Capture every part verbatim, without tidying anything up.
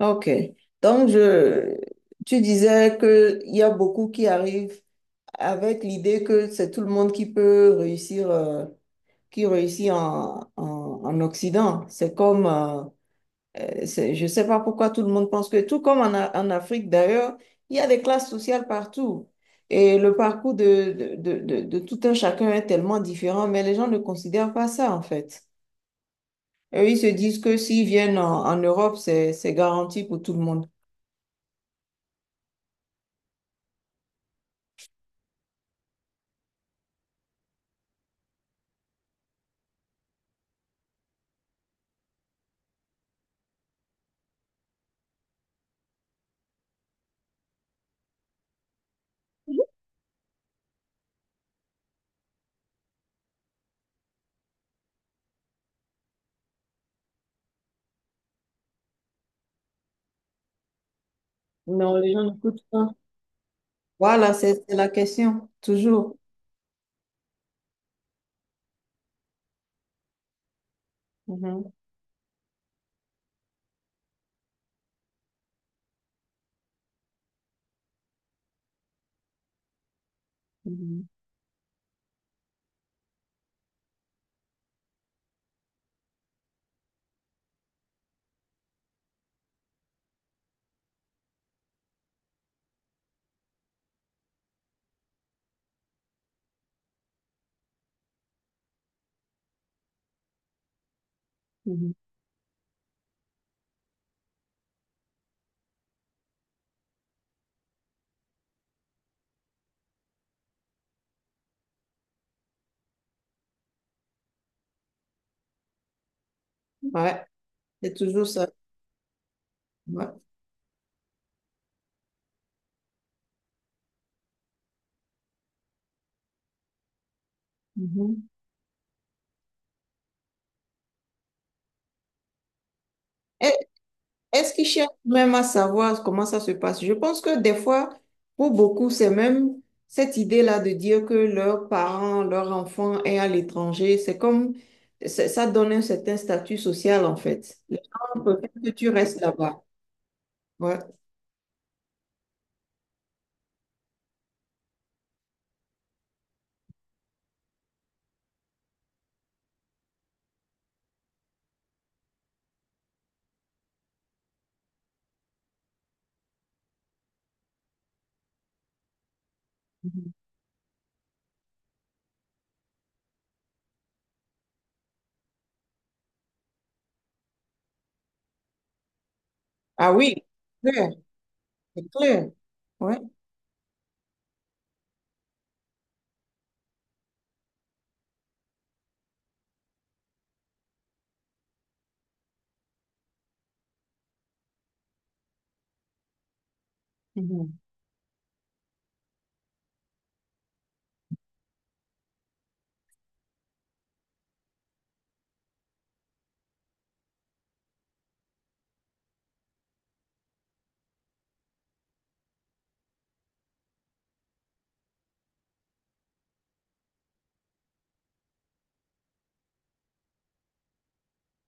Ok. Donc, je, tu disais que il y a beaucoup qui arrivent avec l'idée que c'est tout le monde qui peut réussir, euh, qui réussit en, en, en Occident. C'est comme, euh, euh, c'est- je sais pas pourquoi tout le monde pense que, tout comme en, A- en Afrique d'ailleurs, il y a des classes sociales partout. Et le parcours de, de, de, de, de tout un chacun est tellement différent, mais les gens ne considèrent pas ça en fait. Eux, ils se disent que s'ils viennent en, en Europe, c'est, c'est garanti pour tout le monde. Non, les gens n'écoutent pas. Voilà, c'est c'est la question, toujours. Mhm, mhm, mhm. Ouais, c'est toujours ça. Ouais. Mhm. Est- Est-ce qu'ils cherchent même à savoir comment ça se passe? Je pense que des fois, pour beaucoup, c'est même cette idée-là de dire que leurs parents, leur enfant est à l'étranger. C'est comme, c'est- ça donne un certain statut social, en fait. Les gens préfèrent que tu restes là-bas. Ouais. Mhm. Ah oui, c'est clair, c'est clair. Ouais. Mhm.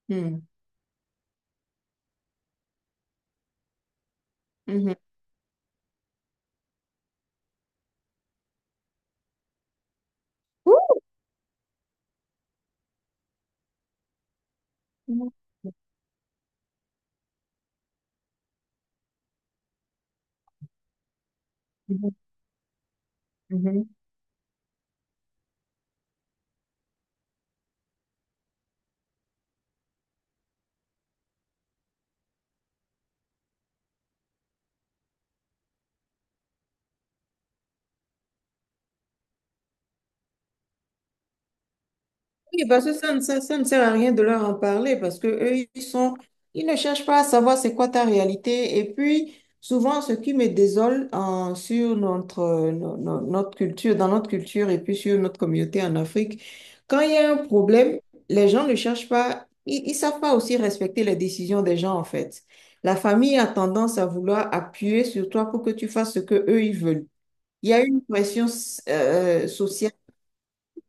Hmm. Mhm. Mhm. Mhm. Oui, parce que ça ne, ça, ça ne sert à rien de leur en parler parce que eux, ils sont, ils ne cherchent pas à savoir c'est quoi ta réalité. Et puis, souvent, ce qui me désole en- sur notre, euh, no- no- notre culture, dans notre culture et puis sur notre communauté en Afrique, quand il y a un problème, les gens ne cherchent pas, ils, ils savent pas aussi respecter les décisions des gens, en fait. La famille a tendance à vouloir appuyer sur toi pour que tu fasses ce que eux, ils veulent. Il y a une pression euh, euh, sociale.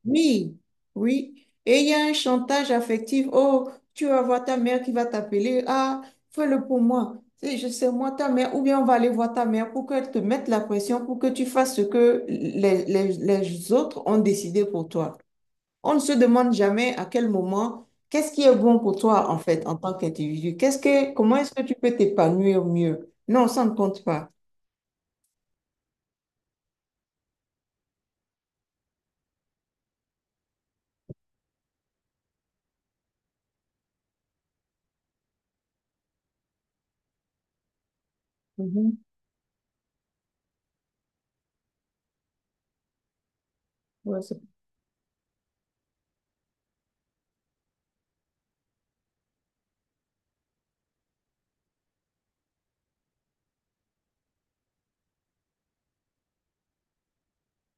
Oui, oui. Et il y a un chantage affectif. Oh, tu vas voir ta mère qui va t'appeler. Ah, fais-le pour moi. Et je sais, moi, ta mère, ou bien on va aller voir ta mère pour qu'elle te mette la pression, pour que tu fasses ce que les, les, les autres ont décidé pour toi. On ne se demande jamais à quel moment, qu'est-ce qui est bon pour toi, en fait, en tant qu'individu. Qu'est-ce que, comment est-ce que tu peux t'épanouir mieux? Non, ça ne compte pas. Mhm. Ouais, c'est-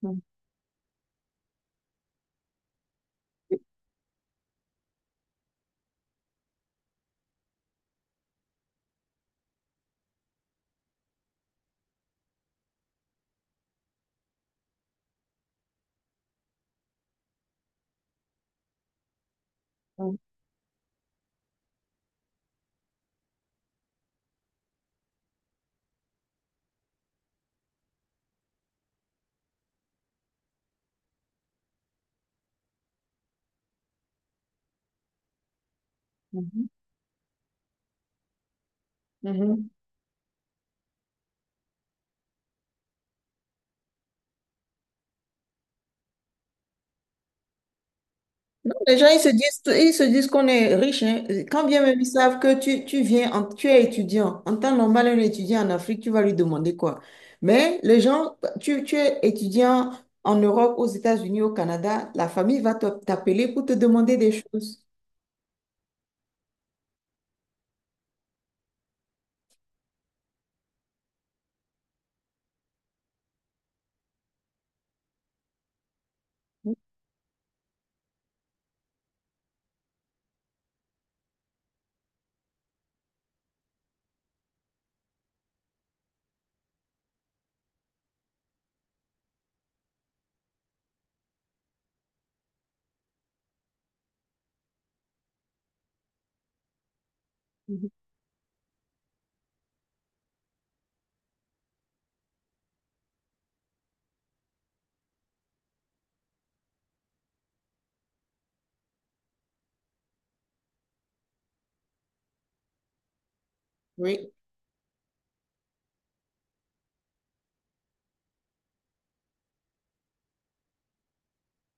Mhm. Mhm. Mhm. Non, les gens, ils se disent, ils se disent qu'on est riche, hein. Quand bien même ils savent que tu, tu viens, en- tu es étudiant. En temps normal, un étudiant en Afrique, tu vas lui demander quoi? Mais les gens, tu, tu es étudiant en Europe, aux États-Unis, au Canada, la famille va te- t'appeler pour te demander des choses. Mhm. Oui.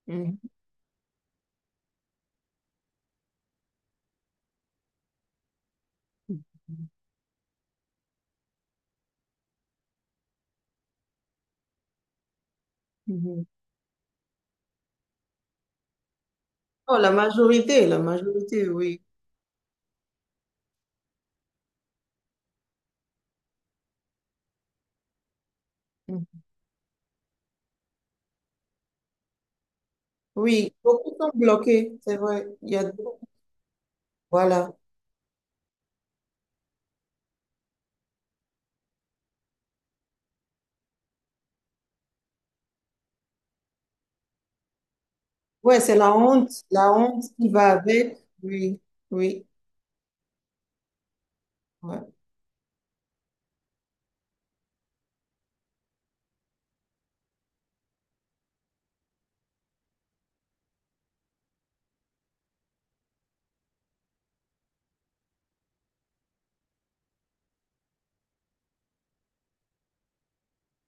Mhm. Mhm. Oh, la majorité, la majorité, oui. Mhm. Oui, beaucoup sont bloqués, c'est vrai. Il y a... Voilà. Ouais, c'est la honte, la honte qui va avec. Oui, oui. Ouais.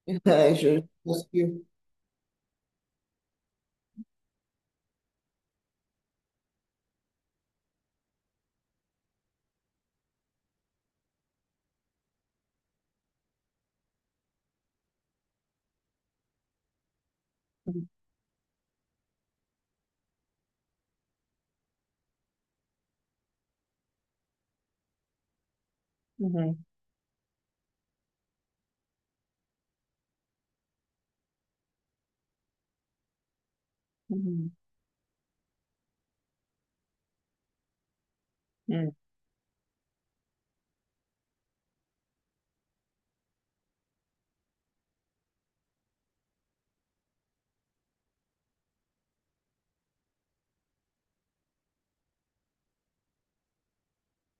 Je je pense que mhm, mhm, mhm.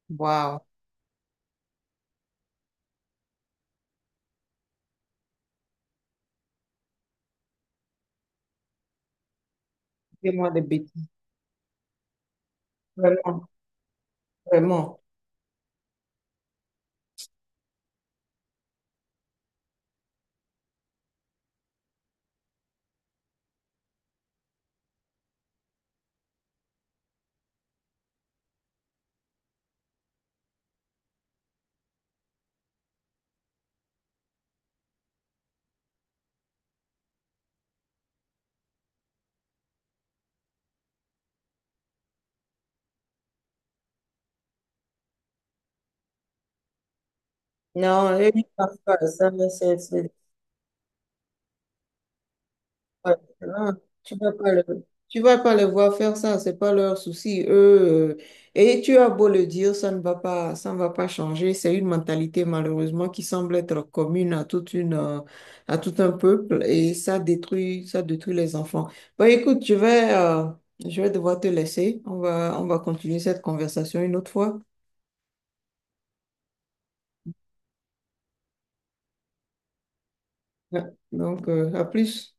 Wow. Fais-moi des bêtises. Vraiment, vraiment. Non, je ne pense pas ça, c'est c'est- Ouais, hein, tu vas pas le, tu vas pas les voir faire ça, c'est pas leur souci. Eux, euh, et tu as beau le dire, ça ne va pas, ça ne va pas changer. C'est une mentalité malheureusement qui semble être commune à toute une, euh, à tout un peuple et ça détruit, ça détruit les enfants. Bon, écoute, je vais, euh, je vais devoir te laisser. On va, on va continuer cette conversation une autre fois. Ouais. Donc, euh, à plus.